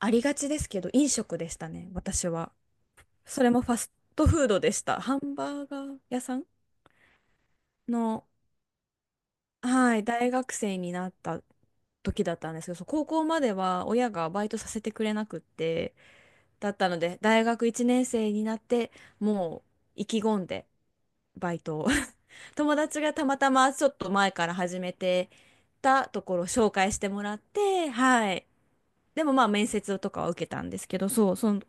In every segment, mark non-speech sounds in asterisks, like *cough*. ありがちですけど、飲食でしたね、私は。それもファストフードでした。ハンバーガー屋さんの、はい、大学生になった時だったんですけど、そう高校までは親がバイトさせてくれなくって、だったので、大学1年生になって、もう意気込んでバイトを *laughs* 友達がたまたまちょっと前から始めてたところを紹介してもらって、はい。でもまあ面接とかは受けたんですけど、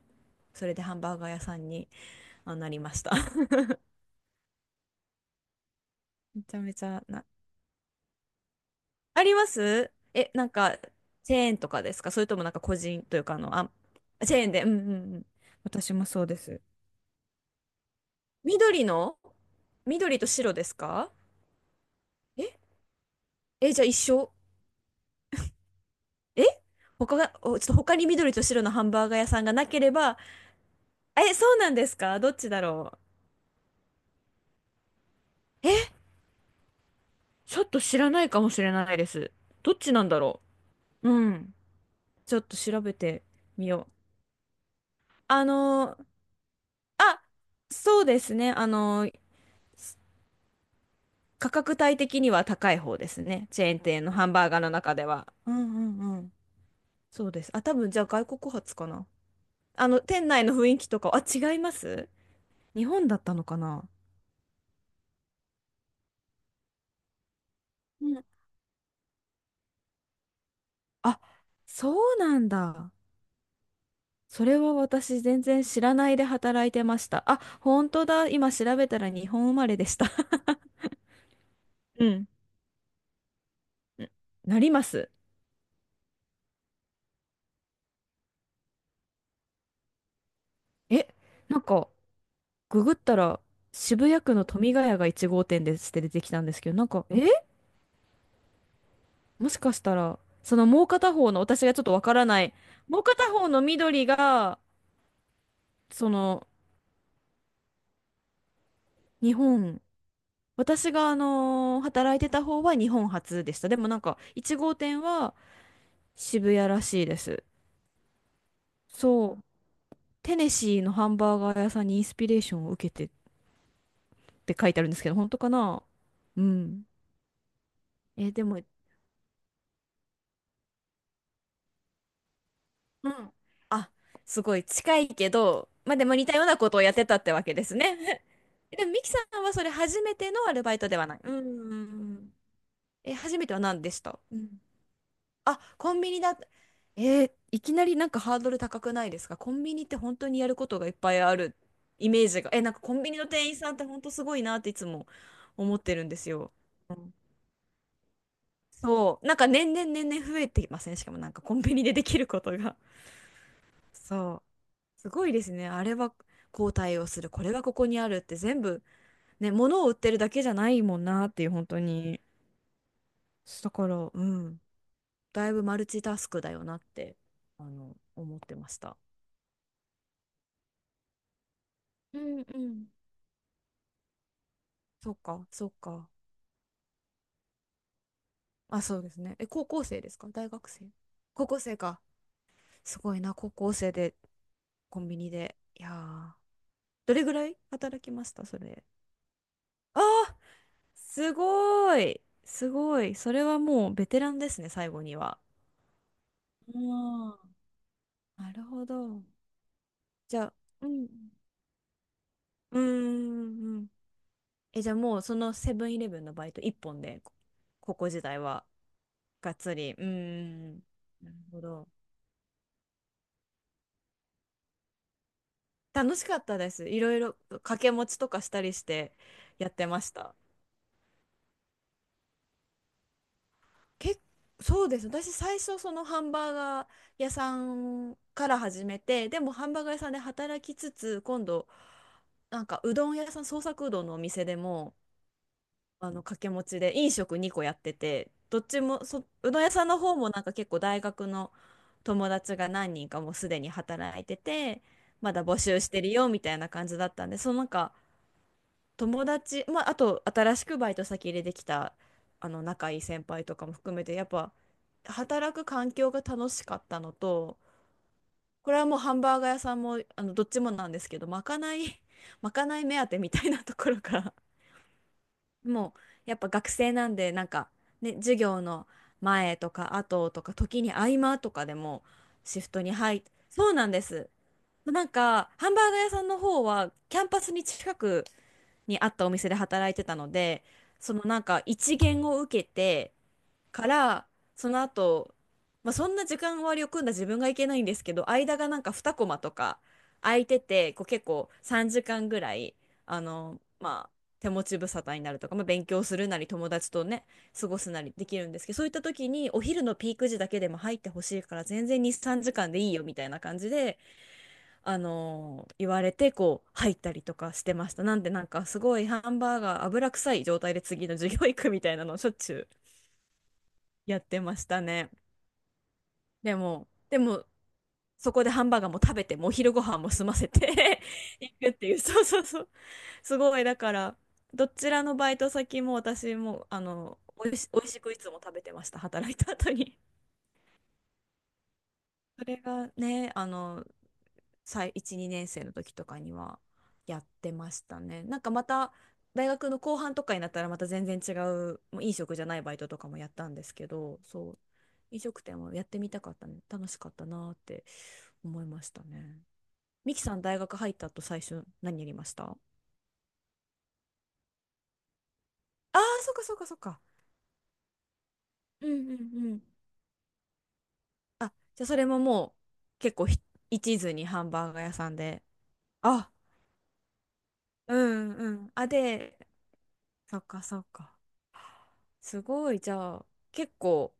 それでハンバーガー屋さんになりました *laughs*。めちゃめちゃな、ありますえ、なんか、チェーンとかですか？それともなんか個人というか、チェーンで、うんうんうん。私もそうです。緑の緑と白ですか？ええ、じゃあ一緒。え他が、おちょっと他に緑と白のハンバーガー屋さんがなければ、え、そうなんですか？どっちだろう。え、ちょっと知らないかもしれないです。どっちなんだろう。うん。ちょっと調べてみよう。あのー、あ、そうですね。価格帯的には高い方ですね。チェーン店のハンバーガーの中では。うんうんうん。そうです。あ、多分じゃあ外国発かな。あの、店内の雰囲気とか、あ、違います？日本だったのかな。うん。あ、そうなんだ。それは私全然知らないで働いてました。あ、本当だ。今調べたら日本生まれでした。*laughs* うん。なります。え、なんか、ググったら渋谷区の富ヶ谷が1号店ですって出てきたんですけど、もしかしたら、そのもう片方の、私がちょっとわからない、もう片方の緑が、その、日本、私が働いてた方は日本初でした。でもなんか、1号店は渋谷らしいです。そう、テネシーのハンバーガー屋さんにインスピレーションを受けてって書いてあるんですけど、本当かな？うん。え、でも、うん。あ、すごい近いけど、まあでも似たようなことをやってたってわけですね。*laughs* でも、ミキさんはそれ初めてのアルバイトではない。うん。え、初めては何でした？うん。あ、コンビニだ。いきなりなんかハードル高くないですか？コンビニって本当にやることがいっぱいあるイメージが。え、なんかコンビニの店員さんって本当すごいなっていつも思ってるんですよ。うん。そう。なんか年々増えていません？しかもなんかコンビニでできることが。そう。すごいですね。あれは、こう対応する、これはここにあるって全部、ね、物を売ってるだけじゃないもんなっていう、本当に。だから、うん、だいぶマルチタスクだよなって、あの、思ってました。うんうん。そっか、そっか。あ、そうですね。え、高校生ですか、大学生？高校生か。すごいな、高校生でコンビニで。いやー、どれぐらい働きました、それ？あー、すごい。すごい。それはもうベテランですね、最後には。ああ、なるほど。じゃあ、うん。うーん、うん。え、じゃあもうそのセブンイレブンのバイト一本で、高校時代はがっつり。うーん。なるほど。楽しかったです。いろいろ掛け持ちとかしたりしてやってました。け、そうです。私最初そのハンバーガー屋さんから始めて、でもハンバーガー屋さんで働きつつ、今度なんかうどん屋さん、創作うどんのお店でも、あの掛け持ちで飲食2個やってて、どっちも、そう、どん屋さんの方もなんか結構大学の友達が何人かもうすでに働いてて、まだ募集してるよみたいな感じだったんで、そのなんか友達、まあ、あと新しくバイト先入れてきたあの仲いい先輩とかも含めて、やっぱ働く環境が楽しかったのと、これはもうハンバーガー屋さんもあのどっちもなんですけど、まかない *laughs* まかない目当てみたいなところから、もうやっぱ学生なんで、なんかね、授業の前とか後とか、時に合間とかでもシフトにそうなんです、なんかハンバーガー屋さんの方はキャンパスに近くにあったお店で働いてたので、そのなんか一限を受けてから、その後、まあ、そんな時間割を組んだ自分がいけないんですけど、間がなんか2コマとか空いてて、こう結構3時間ぐらい、あの、まあ、手持ち無沙汰になるとか、まあ、勉強するなり友達とね、過ごすなりできるんですけど、そういった時にお昼のピーク時だけでも入ってほしいから全然2、3時間でいいよみたいな感じで、あの言われてこう入ったりとかしてました。なんでなんかすごいハンバーガー油臭い状態で次の授業行くみたいなのをしょっちゅうやってましたね。でも、そこでハンバーガーも食べて、もう昼ご飯も済ませて *laughs* 行くっていう、そうそうそう。すごい、だから、どちらのバイト先も私も、あの、おいしくいつも食べてました、働いた後に。それがね、あの、1、2年生の時とかにはやってましたね。なんかまた、大学の後半とかになったらまた全然もう飲食じゃないバイトとかもやったんですけど、そう、飲食店もやってみたかったね。楽しかったなーって思いましたね。ミキさん大学入った後最初何やりました？あ、あー、そっかそっかそっか。うんうんうん。あ、じゃあそれももう結構一途にハンバーガー屋さんで。あ、うんうん。あ、で、そっかそっか。すごい、じゃあ結構、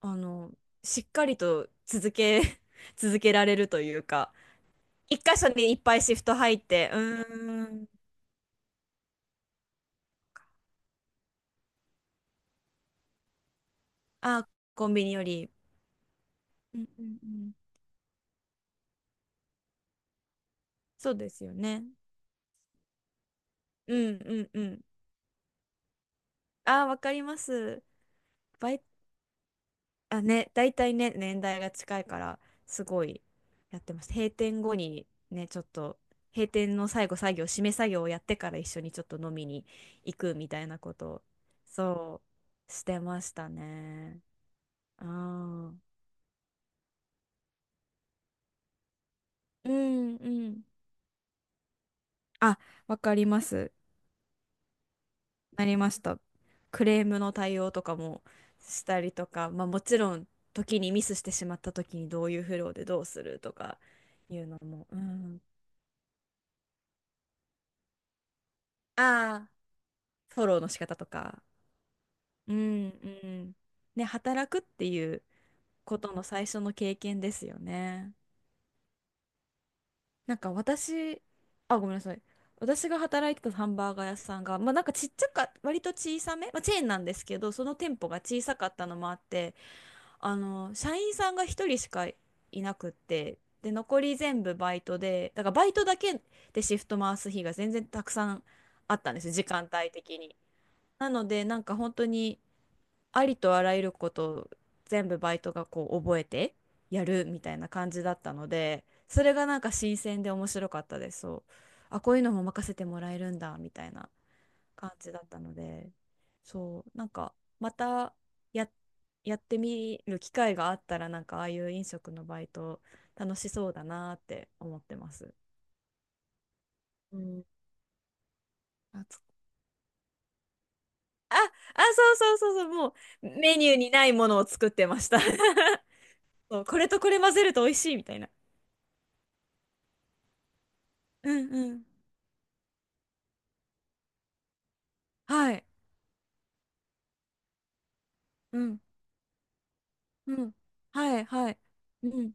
あの、しっかりと続け、*laughs* 続けられるというか、一箇所にいっぱいシフト入って、うーん。あ、コンビニより。うんうんうん。そうですよね。うんうんうん。あー、わかります。バイあ、ね、大体ね、年代が近いから、すごいやってます。閉店後にね、ちょっと、閉店の作業、締め作業をやってから一緒にちょっと飲みに行くみたいなことを、そう、してましたね。ああ。うんうん。あ、わかります。なりました。クレームの対応とかもしたりとか、まあもちろん、時にミスしてしまった時にどういうフローでどうするとかいうのも、うん。あ、フォローの仕方とか、うんうん、ね、働くっていうことの最初の経験ですよね。なんか私、あ、ごめんなさい。私が働いてたハンバーガー屋さんが、まあなんかちっちゃか、割と小さめ、まあチェーンなんですけど、その店舗が小さかったのもあって、あの、社員さんが一人しかいなくって、で、残り全部バイトで、だからバイトだけでシフト回す日が全然たくさんあったんですよ、時間帯的に。なので、なんか本当に、ありとあらゆることを全部バイトがこう覚えてやるみたいな感じだったので、それがなんか新鮮で面白かったです。そう。あ、こういうのも任せてもらえるんだみたいな感じだったので、そう、なんかまた、や、やってみる機会があったら、なんかああいう飲食のバイト楽しそうだなって思ってます。うん。あつあ、あ、そうそうそうそう、もうメニューにないものを作ってました。*laughs* そう、これとこれ混ぜると美味しいみたいな。うんうん。はい。うん。うん。はい、はい。うん。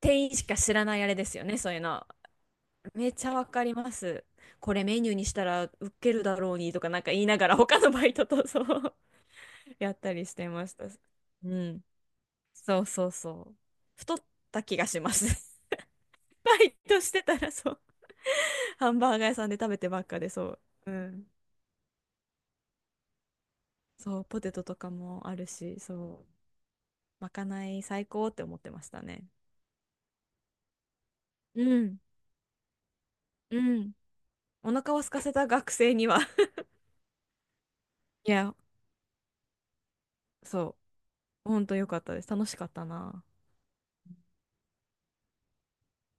店員しか知らないあれですよね、そういうの。めっちゃわかります。これメニューにしたらウケるだろうにとかなんか言いながら他のバイトとそう *laughs* やったりしてました。うん。そうそうそう。太った気がします。*laughs* バイトしてたらそう。ハンバーガー屋さんで食べてばっかでそう。うん。そう、ポテトとかもあるし、そう。まかない最高って思ってましたね。うん。うん。お腹を空かせた学生には *laughs* いや、そう、ほんとよかったです。楽しかったな。